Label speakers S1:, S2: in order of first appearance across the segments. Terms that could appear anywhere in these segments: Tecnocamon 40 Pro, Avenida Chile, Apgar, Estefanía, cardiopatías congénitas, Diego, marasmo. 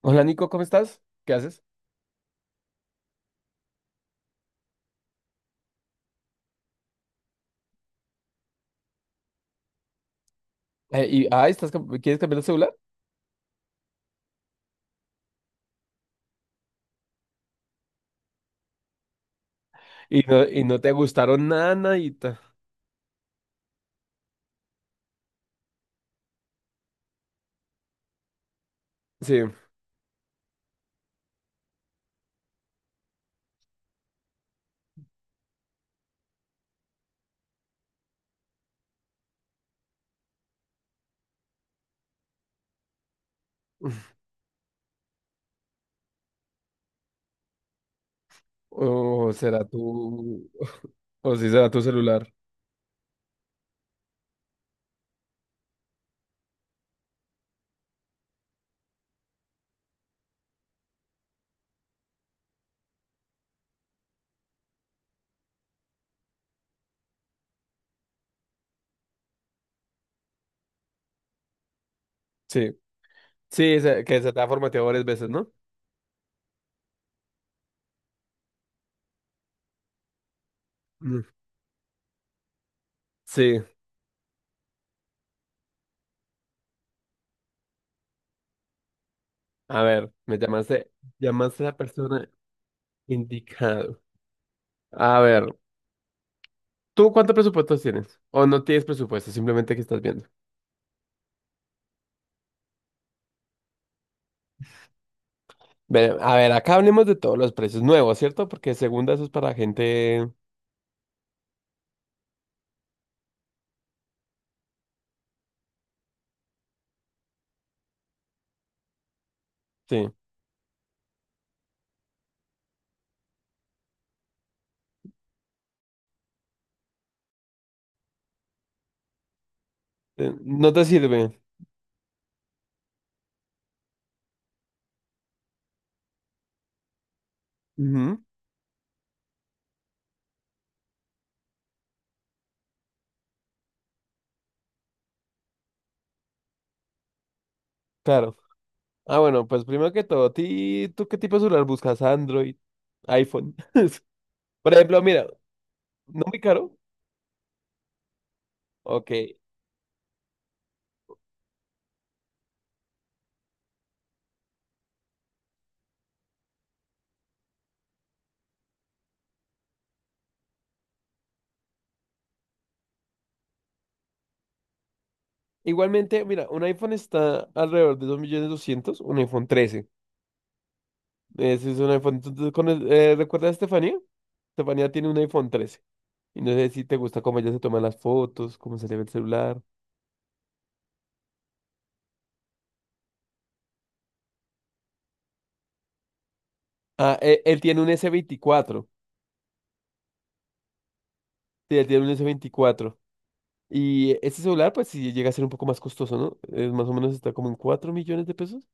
S1: Hola Nico, ¿cómo estás? ¿Qué haces? ¿Quieres cambiar el celular? Y no te gustaron nada, nadita. Sí. O será tu... O sí será tu celular. Sí. Sí, que se te ha formateado varias veces, ¿no? Mm. Sí. A ver, me llamaste, llamaste a la persona indicado. A ver, ¿tú cuántos presupuestos tienes? ¿O no tienes presupuesto? Simplemente que estás viendo. A ver, acá hablemos de todos los precios nuevos, ¿cierto? Porque segunda eso es para gente... Sí. No te sirve. Ujú, claro. Ah, bueno, pues primero que todo, ¿tú qué tipo de celular buscas? Android, iPhone. Por ejemplo, mira, no muy caro. Ok. Igualmente, mira, un iPhone está alrededor de 2.200.000, un iPhone trece. Ese es un iPhone. Entonces, ¿recuerdas a Estefanía? Estefanía tiene un iPhone trece. Y no sé si te gusta cómo ella se toma las fotos, cómo se le ve el celular. Ah, él tiene un s veinticuatro. Sí, él tiene un s veinticuatro. Y este celular, pues sí llega a ser un poco más costoso, ¿no? Es más o menos está como en cuatro millones de pesos.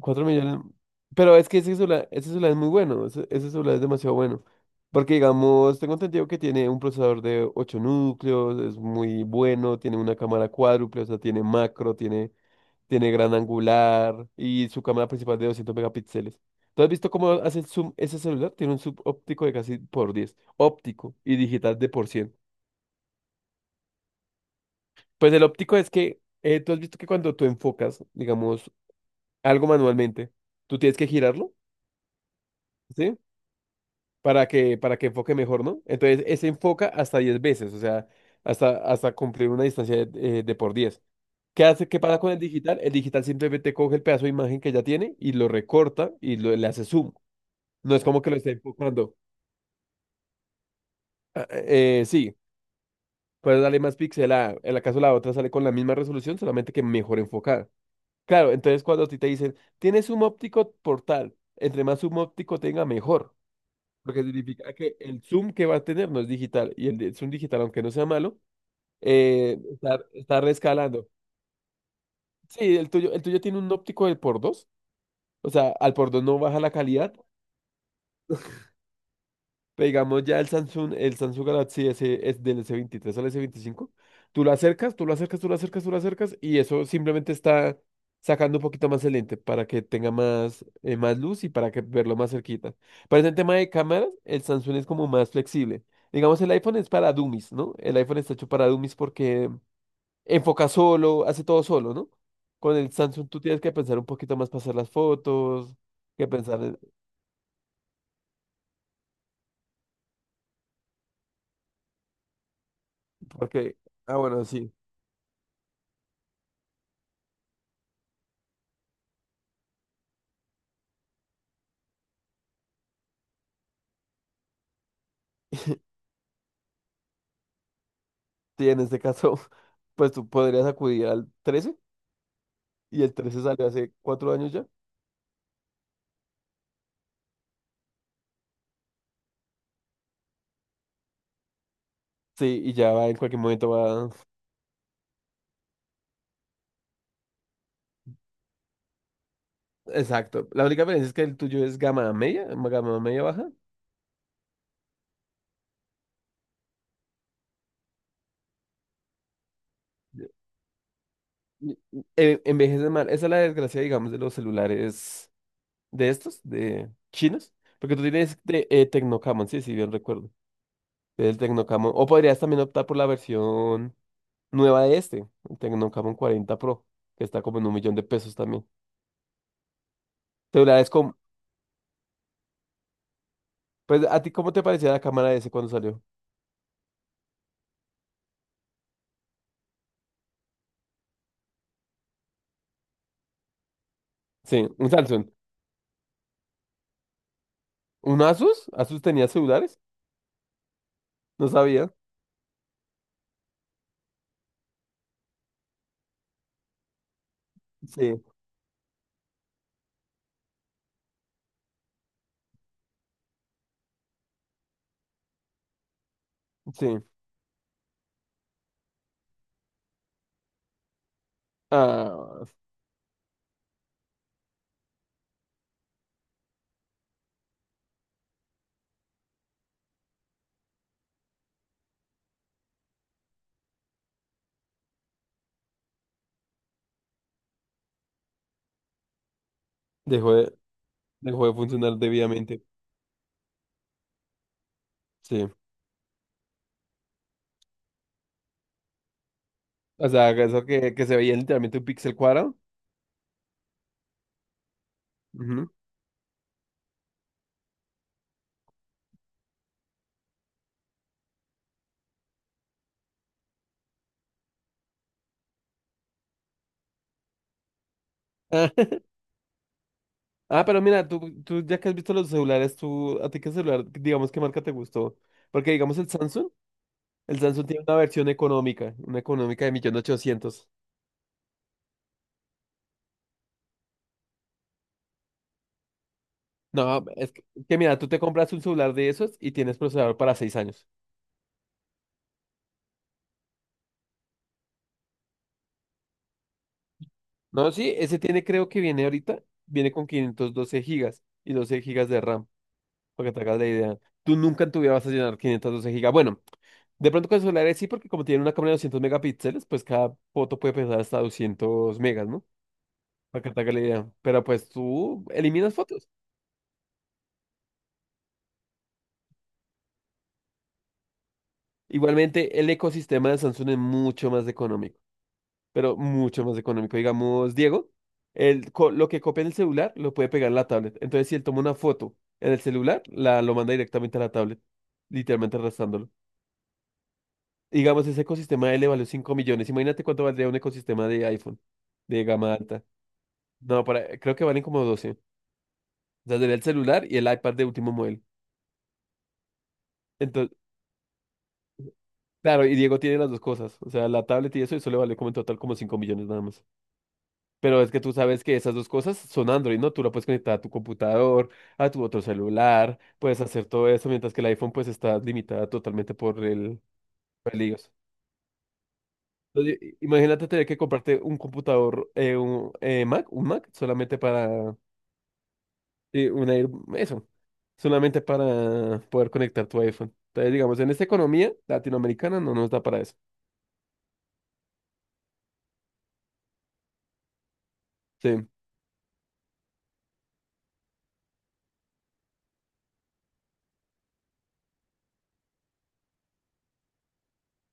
S1: Cuatro millones. Pero es que ese celular es muy bueno. Ese celular es demasiado bueno. Porque, digamos, tengo entendido que tiene un procesador de 8 núcleos, es muy bueno, tiene una cámara cuádruple, o sea, tiene macro, tiene gran angular y su cámara principal de 200 megapíxeles. ¿Tú has visto cómo hace el zoom ese celular? Tiene un zoom óptico de casi por 10 óptico y digital de por cien. Pues el óptico es que tú has visto que cuando tú enfocas, digamos, algo manualmente, tú tienes que girarlo, ¿sí? Para que enfoque mejor, ¿no? Entonces, ese enfoca hasta 10 veces, o sea, hasta cumplir una distancia de por 10. ¿Qué hace? ¿Qué pasa con el digital? El digital simplemente coge el pedazo de imagen que ya tiene y lo recorta y le hace zoom. No es como que lo esté enfocando. Ah, sí, puedes darle más pixel a, en el caso la otra sale con la misma resolución, solamente que mejor enfocada. Claro, entonces cuando a ti te dicen, tienes zoom óptico por tal, entre más zoom óptico tenga, mejor. Lo que significa que el zoom que va a tener no es digital. Y el zoom digital, aunque no sea malo, está reescalando. Sí, el tuyo tiene un óptico del por dos. O sea, al por dos no baja la calidad. Pero digamos ya el Samsung Galaxy S, es del S23 al S25, tú lo acercas, tú lo acercas, tú lo acercas, tú lo acercas y eso simplemente está sacando un poquito más el lente para que tenga más luz y para que verlo más cerquita. Pero en el tema de cámaras, el Samsung es como más flexible. Digamos, el iPhone es para dummies, ¿no? El iPhone está hecho para dummies porque enfoca solo, hace todo solo, ¿no? Con el Samsung tú tienes que pensar un poquito más para hacer las fotos, que pensar en- porque, ah, bueno, sí. Sí, en este caso, pues tú podrías acudir al 13 y el 13 salió hace 4 años ya. Sí, y ya va en cualquier momento va. Exacto. La única diferencia es que el tuyo es gama media baja. Envejece mal. Esa es la desgracia, digamos, de los celulares de estos, de chinos. Porque tú tienes de, Tecnocamon, sí, sí, bien recuerdo. El Tecnocamon. O podrías también optar por la versión nueva de este, el Tecnocamon 40 Pro, que está como en un millón de pesos también. Celulares con. Pues, ¿a ti cómo te parecía la cámara ese cuando salió? Sí, un Samsung. ¿Un Asus? ¿Asus tenía celulares? No sabía. Sí, sí. Ah, dejó de, dejó de funcionar debidamente. Sí. O sea, eso que se veía literalmente un píxel cuadrado. Ujú. Ah, ah, pero mira, tú ya que has visto los celulares, tú, ¿a ti qué celular, digamos, qué marca te gustó? Porque digamos el Samsung tiene una versión económica, una económica de 1.800.000. No, es que mira, tú te compras un celular de esos y tienes procesador para seis años. No, sí, ese tiene, creo que viene ahorita, viene con 512 gigas y 12 gigas de RAM, para que te hagas la idea. Tú nunca en tu vida vas a llenar 512 gigas. Bueno, de pronto con el celulares sí, porque como tiene una cámara de 200 megapíxeles, pues cada foto puede pesar hasta 200 megas, ¿no? Para que te hagas la idea. Pero pues tú eliminas fotos. Igualmente, el ecosistema de Samsung es mucho más económico. Pero mucho más económico. Digamos, Diego, lo que copia en el celular lo puede pegar en la tablet. Entonces, si él toma una foto en el celular, la, lo manda directamente a la tablet, literalmente arrastrándolo. Digamos, ese ecosistema de él le valió 5 millones. Imagínate cuánto valdría un ecosistema de iPhone, de gama alta. No, para, creo que valen como 12. O sea, sería el celular y el iPad de último modelo. Entonces, claro, y Diego tiene las dos cosas. O sea, la tablet y eso le vale como en total como 5 millones nada más. Pero es que tú sabes que esas dos cosas son Android, ¿no? Tú la puedes conectar a tu computador, a tu otro celular, puedes hacer todo eso, mientras que el iPhone pues está limitada totalmente por el iOS. Entonces, imagínate tener que comprarte un computador, un Mac, un Mac, solamente para, eh, una, air- eso, solamente para poder conectar tu iPhone. Entonces, digamos, en esta economía latinoamericana no nos da para eso. Sí.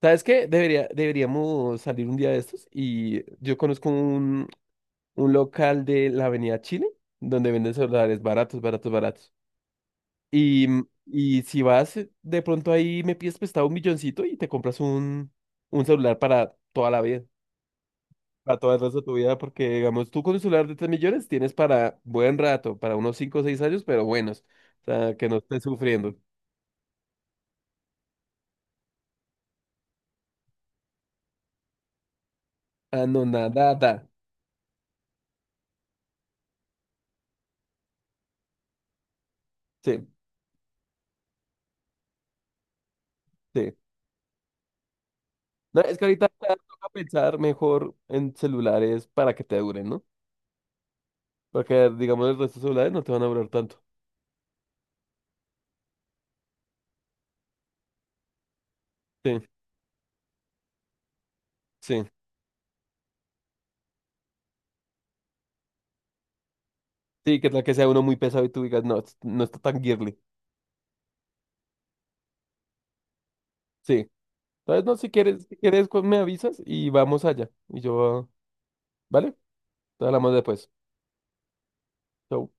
S1: ¿Sabes qué? Debería, deberíamos salir un día de estos y yo conozco un local de la Avenida Chile, donde venden celulares baratos, baratos, baratos. Y, y si vas, de pronto ahí me pides prestado un milloncito y te compras un celular para toda la vida, para todo el resto de tu vida, porque digamos, tú con un celular de 3 millones tienes para buen rato, para unos 5 o 6 años, pero buenos, o sea, que no estés sufriendo. Ah, no, nada, nada. Sí, sí. No, es que ahorita ya toca pensar mejor en celulares para que te duren, ¿no? Porque, digamos, el resto de celulares no te van a durar tanto. Sí. Sí. Sí, que tal que sea uno muy pesado y tú digas, no, no está tan girly. Sí. Entonces, no, si quieres, si quieres, me avisas y vamos allá. Y yo, ¿vale? Te hablamos después. Chau.